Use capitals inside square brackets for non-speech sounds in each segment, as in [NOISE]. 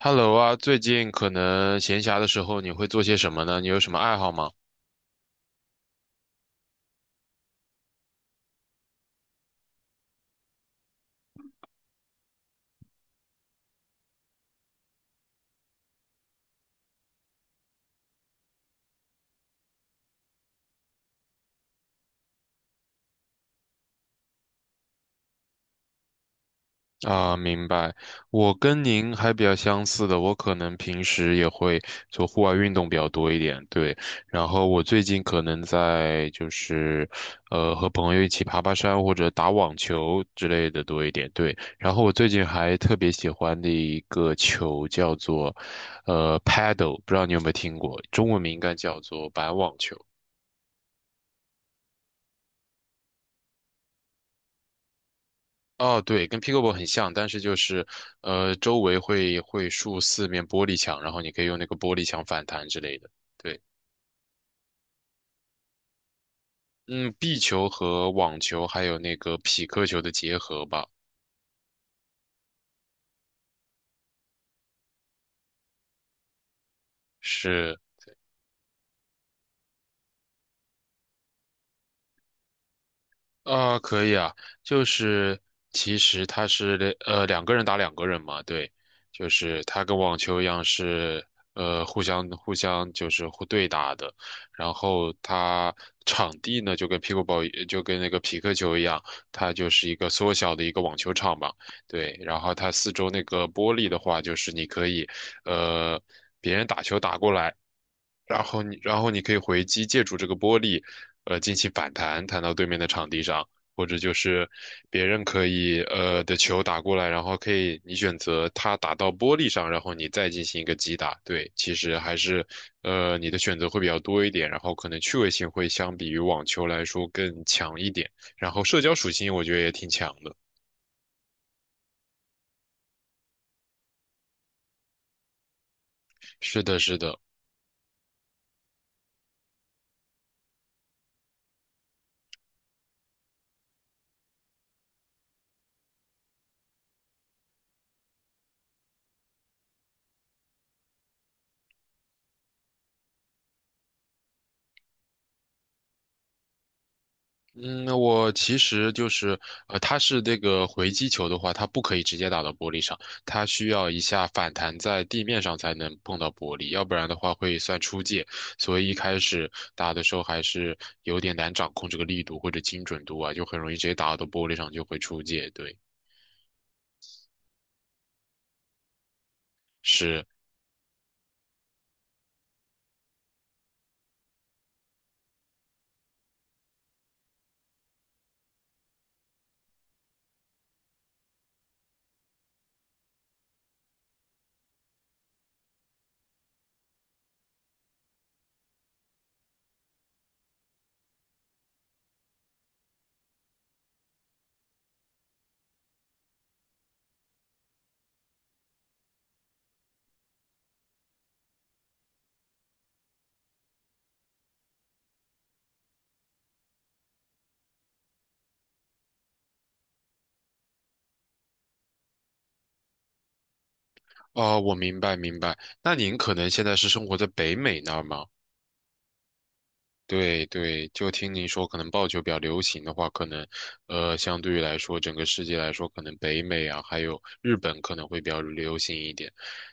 Hello 啊，最近可能闲暇的时候你会做些什么呢？你有什么爱好吗？啊，明白。我跟您还比较相似的，我可能平时也会做户外运动比较多一点，对。然后我最近可能在就是，呃，和朋友一起爬爬山或者打网球之类的多一点，对。然后我最近还特别喜欢的一个球叫做，paddle，不知道你有没有听过，中文名应该叫做板网球。哦，对，跟 pickleball 很像，但是就是，呃，周围会竖四面玻璃墙，然后你可以用那个玻璃墙反弹之类的。对，嗯，壁球和网球还有那个匹克球的结合吧，是啊，可以啊，就是其实它是两个人打两个人嘛，对，就是它跟网球一样是互相互对打的，然后它场地呢就跟 pickleball 就跟那个匹克球一样，它就是一个缩小的一个网球场嘛，对，然后它四周那个玻璃的话，就是你可以呃别人打球打过来。然后你可以回击，借助这个玻璃，进行反弹，弹到对面的场地上，或者就是别人可以的球打过来，然后可以你选择他打到玻璃上，然后你再进行一个击打。对，其实还是呃你的选择会比较多一点，然后可能趣味性会相比于网球来说更强一点，然后社交属性我觉得也挺强的。是的，是的。嗯，我其实就是，呃，它是这个回击球的话，它不可以直接打到玻璃上，它需要一下反弹在地面上才能碰到玻璃，要不然的话会算出界。所以一开始打的时候还是有点难掌控这个力度或者精准度啊，就很容易直接打到玻璃上就会出界。对，是，哦，我明白明白。那您可能现在是生活在北美那儿吗？对对，就听您说，可能棒球比较流行的话，可能，相对于来说，整个世界来说，可能北美啊，还有日本可能会比较流行一点。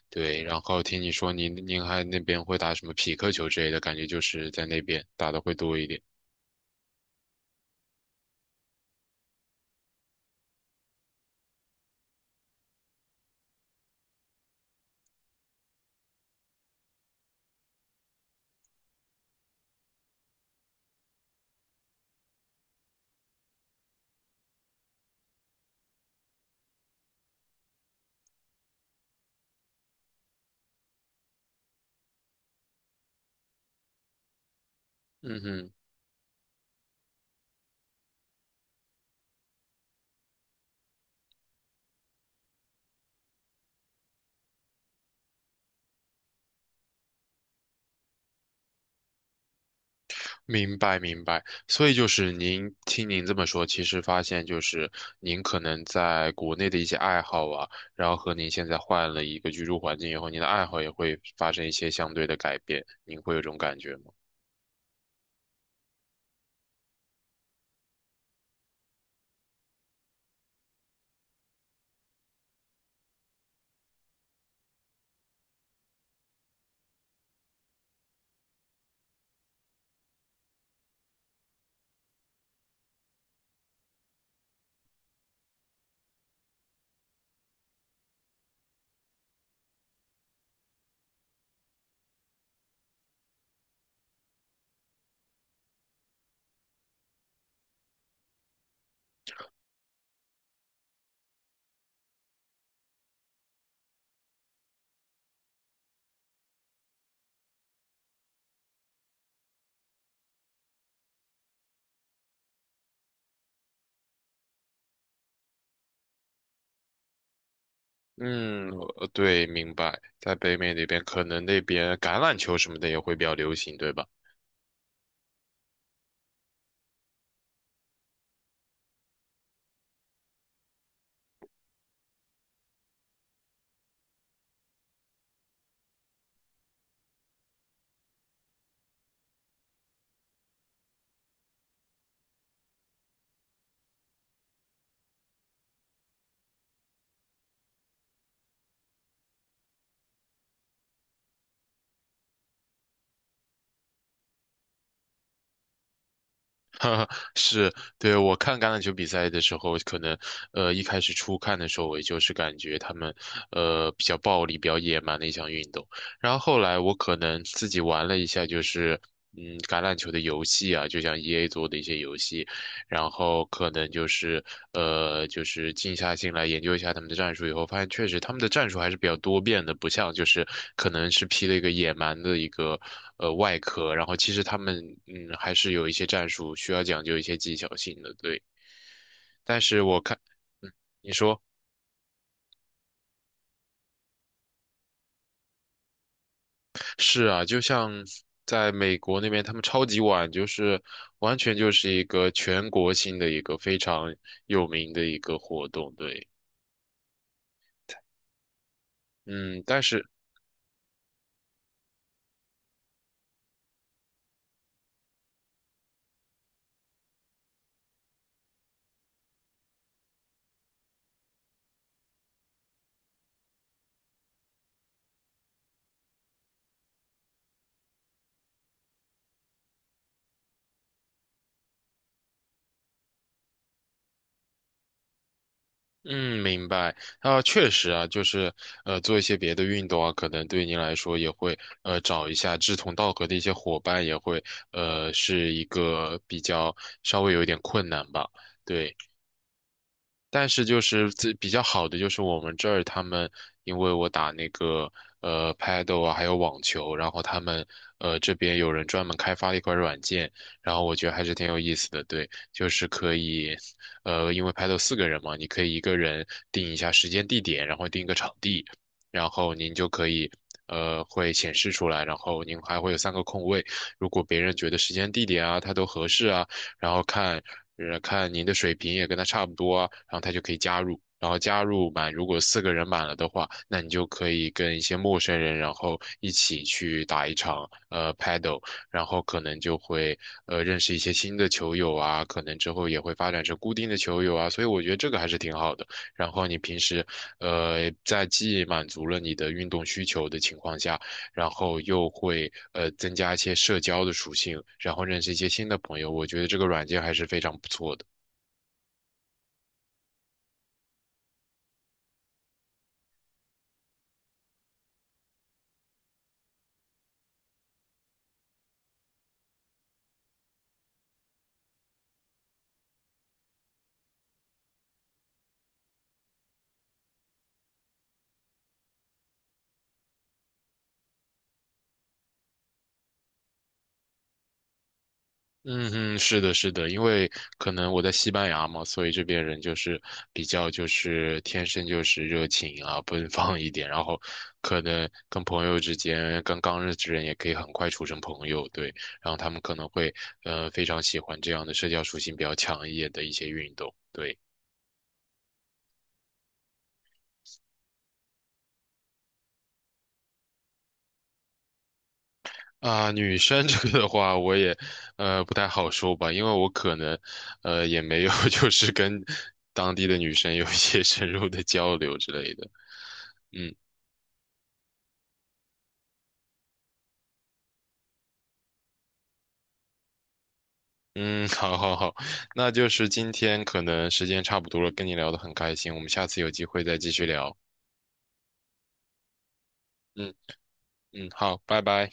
对，然后听你说您还那边会打什么匹克球之类的，感觉就是在那边打的会多一点。嗯哼。明白明白，所以就是您听您这么说，其实发现就是您可能在国内的一些爱好啊，然后和您现在换了一个居住环境以后，您的爱好也会发生一些相对的改变，您会有这种感觉吗？嗯，呃对，明白，在北美那边可能那边橄榄球什么的也会比较流行，对吧？[LAUGHS] 是，对，我看橄榄球比赛的时候，一开始初看的时候，我也就是感觉他们比较暴力、比较野蛮的一项运动。然后后来我可能自己玩了一下，橄榄球的游戏啊，就像 EA 做的一些游戏，然后可能就是呃，就是静下心来研究一下他们的战术以后，发现确实他们的战术还是比较多变的，不像就是可能是披了一个野蛮的一个外壳，然后其实他们还是有一些战术需要讲究一些技巧性的，对。但是我看，嗯，你说是啊，就像在美国那边，他们超级碗就是完全就是一个全国性的一个非常有名的一个活动，对。嗯，但是嗯，明白。啊，确实啊，做一些别的运动啊，可能对您来说也会找一下志同道合的一些伙伴，也会是一个比较稍微有一点困难吧。对，但是就是最比较好的就是我们这儿他们，因为我打那个Paddle 啊，还有网球，然后他们这边有人专门开发了一款软件，然后我觉得还是挺有意思的。对，就是可以，呃，因为 Paddle 四个人嘛，你可以一个人定一下时间地点，然后定一个场地，然后您就可以。呃，会显示出来，然后您还会有三个空位。如果别人觉得时间、地点啊，他都合适啊，然后看，看您的水平也跟他差不多啊，然后他就可以加入。然后加入满，如果四个人满了的话，那你就可以跟一些陌生人，然后一起去打一场paddle，然后可能就会认识一些新的球友啊，可能之后也会发展成固定的球友啊，所以我觉得这个还是挺好的。然后你平时在既满足了你的运动需求的情况下，然后又会增加一些社交的属性，然后认识一些新的朋友。我觉得这个软件还是非常不错的。嗯哼，是的，是的，因为可能我在西班牙嘛，所以这边人就是比较就是天生就是热情啊，奔放一点，然后可能跟朋友之间，跟刚认识的人也可以很快处成朋友，对，然后他们可能会非常喜欢这样的社交属性比较强一点的一些运动，对。啊，女生 [LAUGHS] 这个的话，我也不太好说吧，因为我可能也没有 [LAUGHS] 就是跟当地的女生有一些 [LAUGHS] 深入的交流之类的。嗯嗯，好好好，那就是今天可能时间差不多了，跟你聊得很开心，我们下次有机会再继续聊。嗯嗯，好，拜拜。